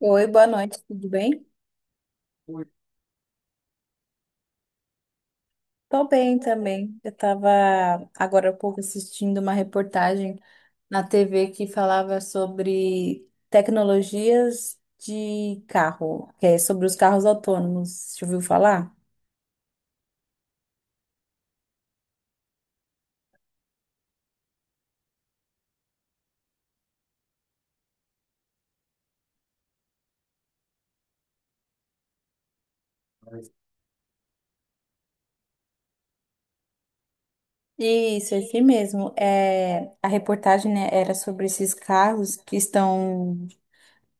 Oi, boa noite, tudo bem? Tô bem também. Eu tava agora há pouco assistindo uma reportagem na TV que falava sobre tecnologias de carro, que é sobre os carros autônomos. Já ouviu falar? Isso, esse mesmo. É, a reportagem, né, era sobre esses carros que estão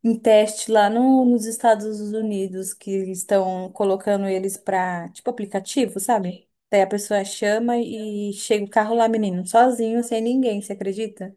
em teste lá nos Estados Unidos que eles estão colocando eles para tipo aplicativo, sabe? Daí a pessoa chama e chega o carro lá, menino, sozinho, sem ninguém, você acredita?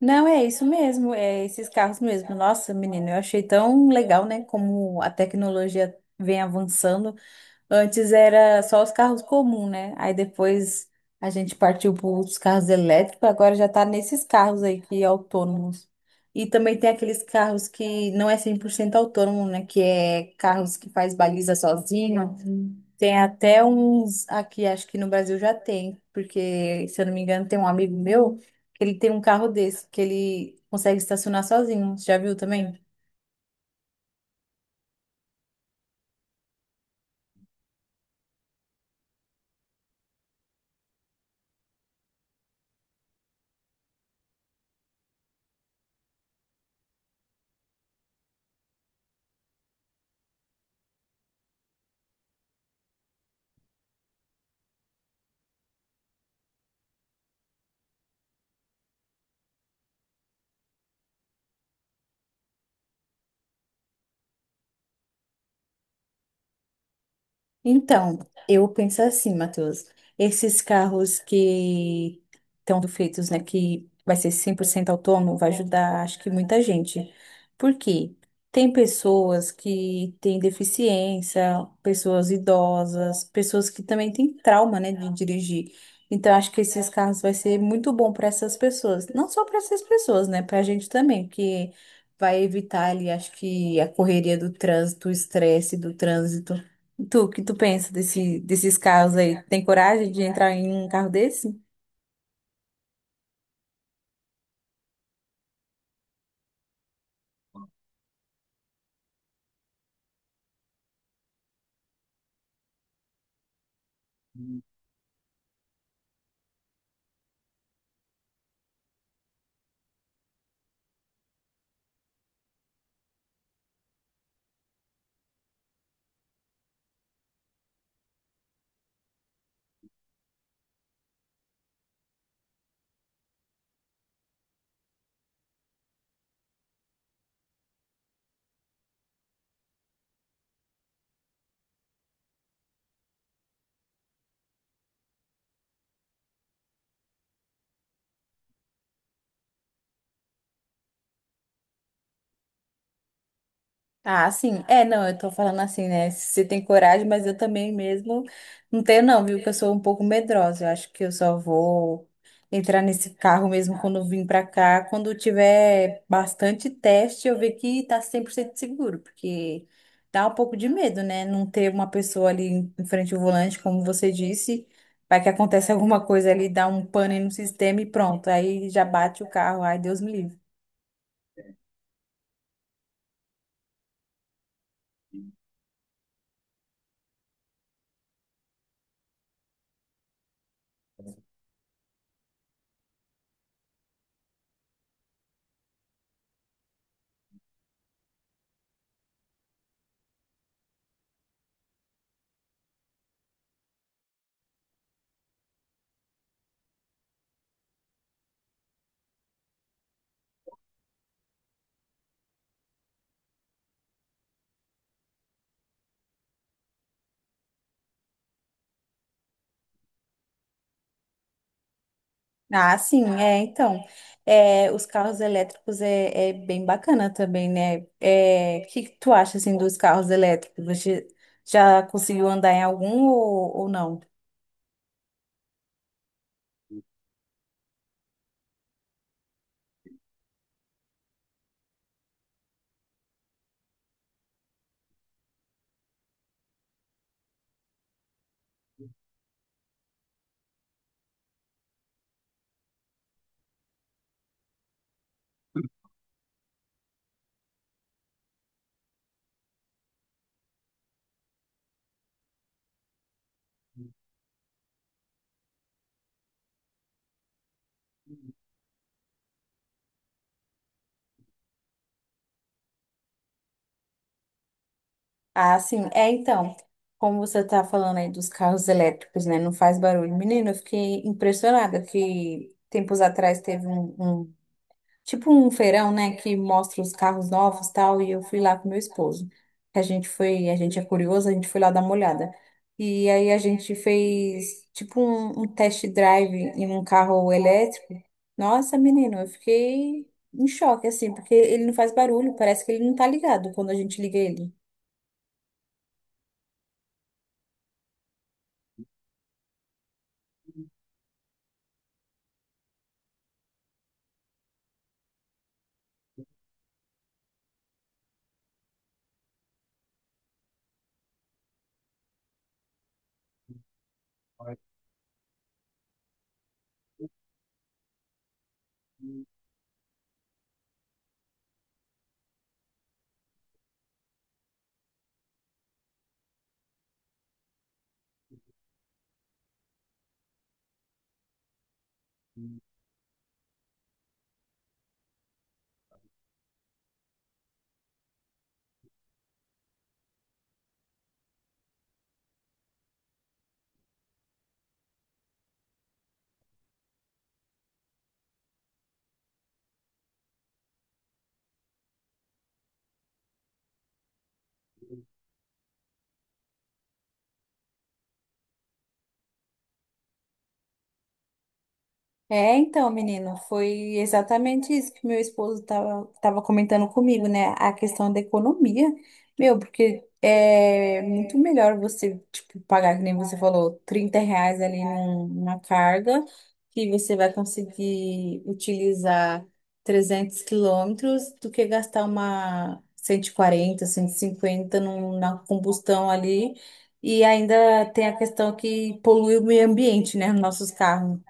Não, é isso mesmo, é esses carros mesmo. Nossa, menino, eu achei tão legal, né? Como a tecnologia vem avançando. Antes era só os carros comuns, né? Aí depois a gente partiu para os carros elétricos, agora já tá nesses carros aí que é autônomos. E também tem aqueles carros que não é 100% autônomo, né? Que é carros que faz baliza sozinho. Tem até uns aqui, acho que no Brasil já tem, porque se eu não me engano tem um amigo meu que ele tem um carro desse, que ele consegue estacionar sozinho. Você já viu também? Então, eu penso assim, Matheus, esses carros que estão feitos, né, que vai ser 100% autônomo, vai ajudar, acho que muita gente. Por quê? Tem pessoas que têm deficiência, pessoas idosas, pessoas que também têm trauma, né, de dirigir. Então, acho que esses carros vai ser muito bom para essas pessoas. Não só para essas pessoas, né, para a gente também, porque vai evitar ali, acho que a correria do trânsito, o estresse do trânsito. Tu, que tu pensa desses carros aí? Tem coragem de entrar em um carro desse? Ah, sim. É, não, eu tô falando assim, né? Você tem coragem, mas eu também mesmo não tenho, não, viu? Que eu sou um pouco medrosa. Eu acho que eu só vou entrar nesse carro mesmo quando eu vim pra cá. Quando tiver bastante teste, eu ver que tá 100% seguro, porque dá um pouco de medo, né? Não ter uma pessoa ali em frente ao volante, como você disse. Vai que acontece alguma coisa ali, dá um pane no sistema e pronto. Aí já bate o carro. Ai, Deus me livre. Ah, sim, é, então, é, os carros elétricos é bem bacana também, né? É, o que que tu acha, assim, dos carros elétricos? Você já conseguiu andar em algum ou não? Ah, sim, é, então, como você tá falando aí dos carros elétricos, né? Não faz barulho. Menino, eu fiquei impressionada que tempos atrás teve um tipo um feirão, né, que mostra os carros novos e tal, e eu fui lá com meu esposo. A gente foi, a gente é curioso, a gente foi lá dar uma olhada. E aí a gente fez tipo um test drive em um carro elétrico. Nossa, menino, eu fiquei em choque assim, porque ele não faz barulho, parece que ele não tá ligado quando a gente liga ele. É, então, menino, foi exatamente isso que meu esposo estava tava comentando comigo, né? A questão da economia. Meu, porque é muito melhor você, tipo, pagar, que nem você falou, R$ 30 ali numa carga, que você vai conseguir utilizar 300 km, do que gastar uma cento e quarenta, 150 num, na combustão ali. E ainda tem a questão que polui o meio ambiente, né? Nossos carros.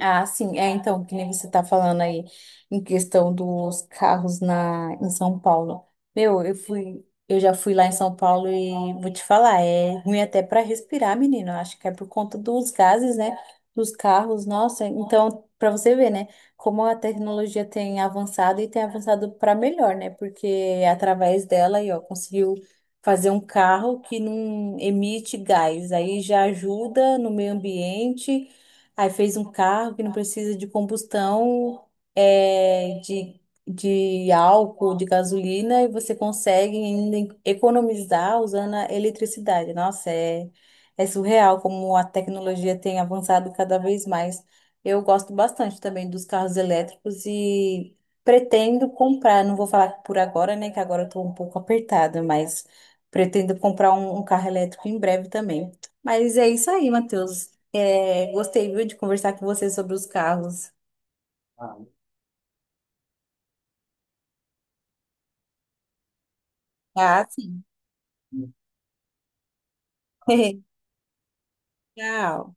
Ah, sim. É, então, que nem você tá falando aí em questão dos carros na, em São Paulo. Meu, eu fui, eu já fui lá em São Paulo e vou te falar, é ruim até para respirar, menino. Eu Acho que é por conta dos gases, né? Dos carros, nossa. Então, para você ver, né? Como a tecnologia tem avançado e tem avançado para melhor, né? Porque através dela aí, ó, conseguiu fazer um carro que não emite gás. Aí já ajuda no meio ambiente. Aí fez um carro que não precisa de combustão, é, de álcool, de gasolina, e você consegue ainda economizar usando a eletricidade. Nossa, é, surreal como a tecnologia tem avançado cada vez mais. Eu gosto bastante também dos carros elétricos e pretendo comprar. Não vou falar por agora, né? Que agora eu estou um pouco apertada, mas pretendo comprar um carro elétrico em breve também. Mas é isso aí, Matheus. É, gostei, viu, de conversar com você sobre os carros. Ah, Ah, sim. Tchau.